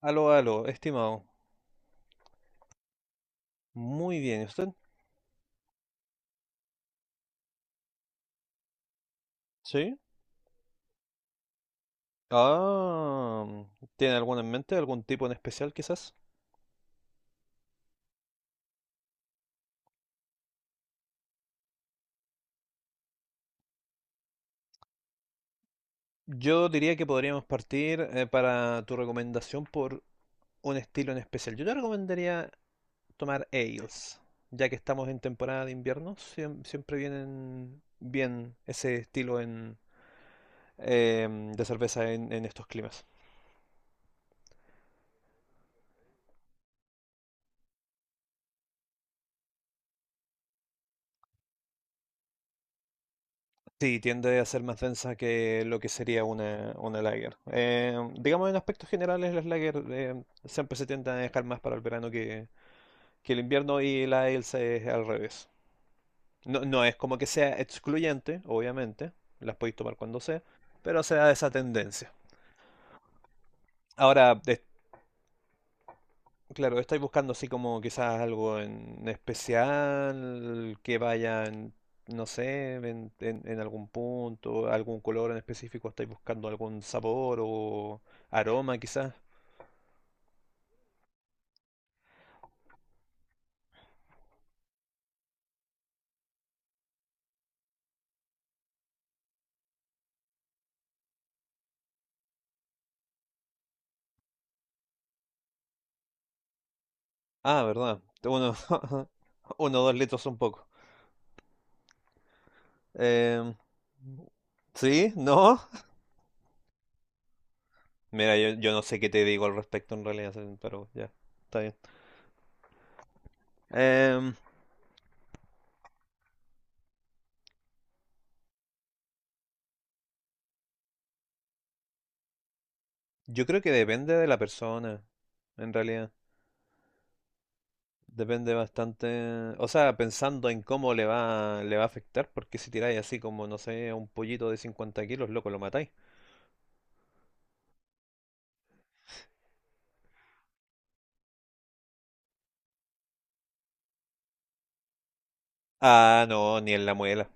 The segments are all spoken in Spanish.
Aló, aló, estimado. Muy bien, ¿y usted? ¿Sí? Ah, ¿tiene alguno en mente? ¿Algún tipo en especial, quizás? Yo diría que podríamos partir para tu recomendación por un estilo en especial. Yo te recomendaría tomar ales, ya que estamos en temporada de invierno, siempre vienen bien ese estilo de cerveza en estos climas. Sí, tiende a ser más densa que lo que sería una lager. Digamos, en aspectos generales, las lager siempre se tienden a dejar más para el verano que el invierno y la Elsa es al revés. No, no es como que sea excluyente, obviamente, las podéis tomar cuando sea, pero se da esa tendencia. Ahora, claro, estáis buscando así como quizás algo en especial que vaya no sé, en algún punto, algún color en específico, estáis buscando algún sabor o aroma quizás. Ah, verdad. Uno, uno o dos litros son poco. Em, ¿Sí? ¿No? Mira, yo no sé qué te digo al respecto en realidad, pero ya, está bien. Em, yo creo que depende de la persona, en realidad. Depende bastante, o sea, pensando en cómo le va a afectar, porque si tiráis así como, no sé, a un pollito de 50 kilos, loco, lo matáis. Ah, no, ni en la muela.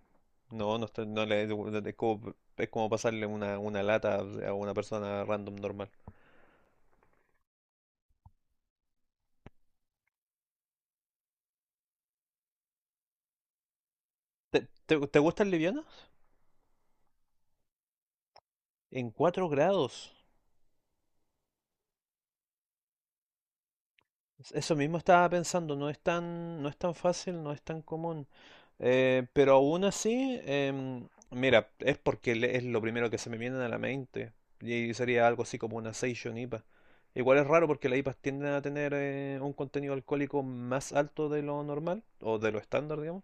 No, no, no, es como pasarle una lata a una persona random normal. ¿Te, te gustan livianas? En 4 grados. Eso mismo estaba pensando, no es no es tan fácil, no es tan común. Pero aún así, mira, es porque es lo primero que se me viene a la mente. Y sería algo así como una Session IPA. Igual es raro porque las IPAs tienden a tener un contenido alcohólico más alto de lo normal, o de lo estándar, digamos.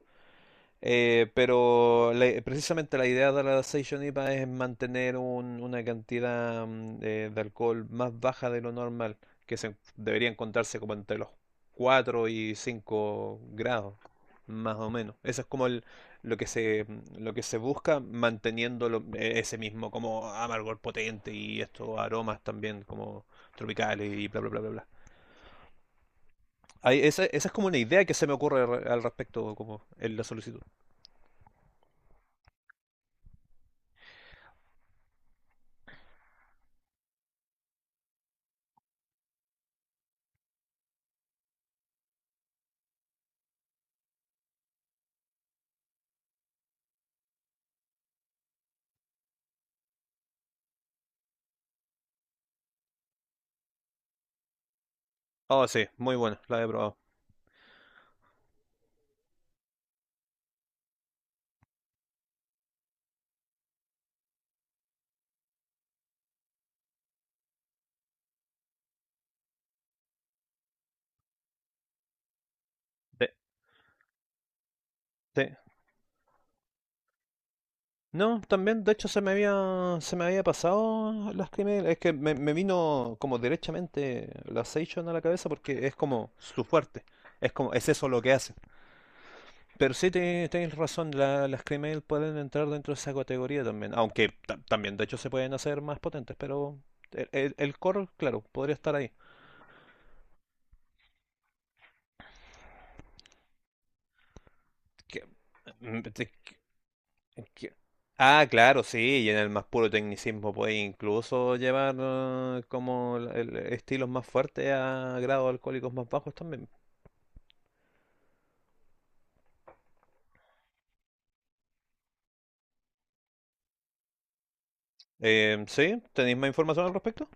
Pero precisamente la idea de la Session IPA es mantener una cantidad de alcohol más baja de lo normal, debería encontrarse como entre los 4 y 5 grados, más o menos. Eso es como lo lo que se busca manteniendo ese mismo como amargor potente y estos aromas también como tropicales y bla bla bla bla bla. Esa es como una idea que se me ocurre al respecto como en la solicitud. Oh, sí, muy buena, la he probado. Sí, sí. No, también, de hecho, se me había pasado las primeras. Es que me vino como derechamente la Seishon a la cabeza porque es como su fuerte. Es como, es eso lo que hace. Pero sí, tienes razón, las Cremail pueden entrar dentro de esa categoría también. Aunque también, de hecho, se pueden hacer más potentes, pero el core, claro, podría estar ahí. que- mm, que- Ah, claro, sí, y en el más puro tecnicismo puede incluso llevar como estilos más fuertes a grados alcohólicos más bajos también. ¿Sí? ¿Tenéis más información al respecto?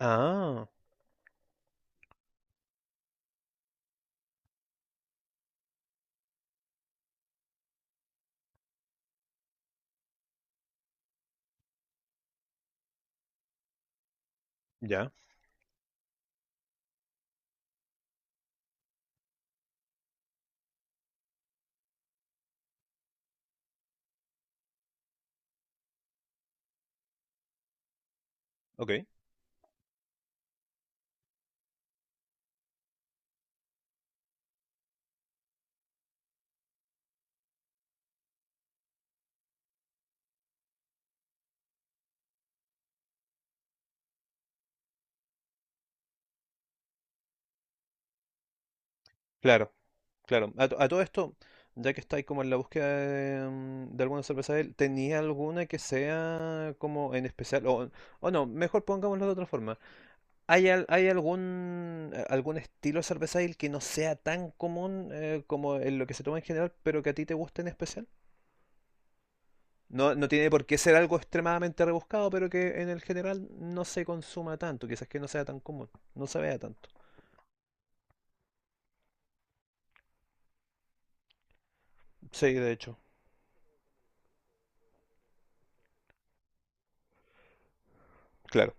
Ah, ya, ok. Claro, claro. A todo esto, ya que estáis como en la búsqueda de, de alguna cerveza, ¿tenía alguna que sea como en especial? O no, mejor pongámoslo de otra forma. ¿Hay, hay algún, algún estilo cervecil que no sea tan común como en lo que se toma en general, pero que a ti te guste en especial? No, no tiene por qué ser algo extremadamente rebuscado, pero que en el general no se consuma tanto, quizás que no sea tan común, no se vea tanto. Sí, de hecho, claro.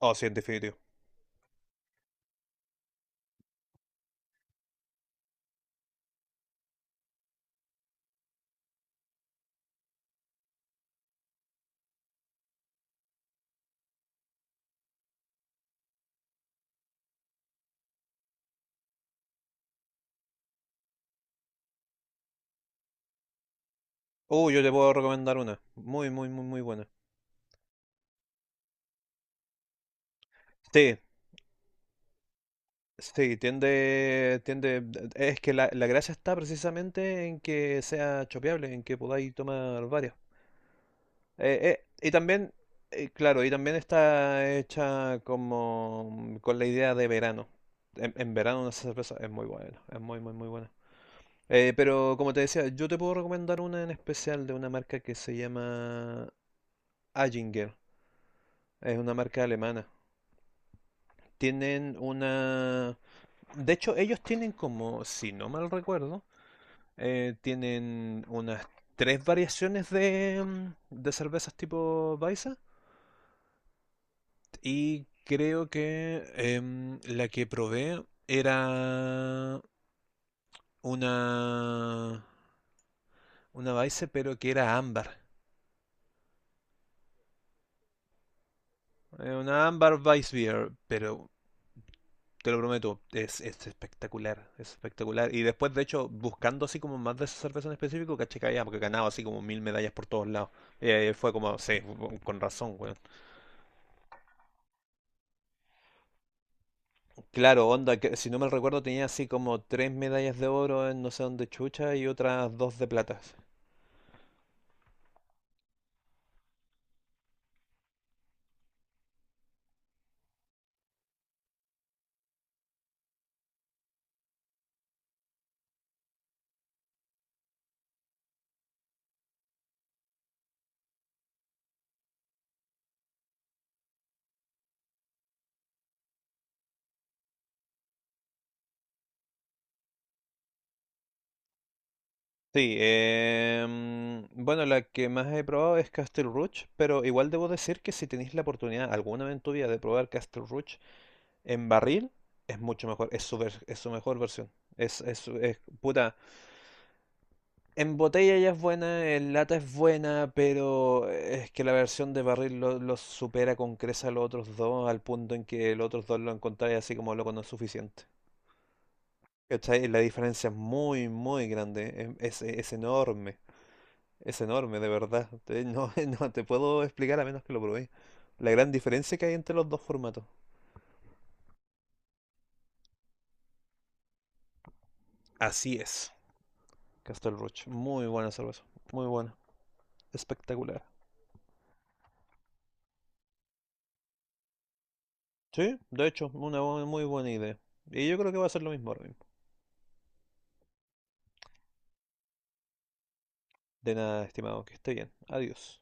Oh, sí, en definitivo. Yo te puedo recomendar una, muy, muy, muy, muy buena. Sí, sí, tiende, es que la gracia está precisamente en que sea chopeable, en que podáis tomar varias. Y también, claro, y también está hecha como con la idea de verano. En verano una cerveza es muy buena, es muy, muy, muy buena. Pero como te decía, yo te puedo recomendar una en especial de una marca que se llama Aginger. Es una marca alemana. Tienen una... De hecho, ellos tienen como, si no mal recuerdo, tienen unas tres variaciones de, de cervezas tipo Baiza. Y creo que la que probé era una, una Baiza, pero que era ámbar. Una ámbar Weiss beer pero te lo prometo, es espectacular. Es espectacular. Y después, de hecho, buscando así como más de esa cerveza en específico, caché que había porque ganaba así como 1000 medallas por todos lados. Y ahí fue como, sí, con razón, weón. Claro, onda, que si no me recuerdo tenía así como tres medallas de oro en no sé dónde chucha y otras dos de platas. Sí, bueno, la que más he probado es Castle Rouge, pero igual debo decir que si tenéis la oportunidad alguna vez en tu vida de probar Castle Rouge en barril, es mucho mejor, es su mejor versión. Puta, en botella ya es buena, en lata es buena, pero es que la versión de barril los supera con creces a los otros dos, al punto en que los otros dos lo encontráis así como loco no es suficiente. ¿Cachai? La diferencia es muy, muy grande, es enorme, de verdad. No, no te puedo explicar a menos que lo probéis. La gran diferencia que hay entre los dos formatos. Así es. Castel Roche, muy buena cerveza, muy buena, espectacular. Sí, de hecho, una muy buena idea. Y yo creo que va a ser lo mismo ahora mismo. De nada, estimado, que esté bien. Adiós.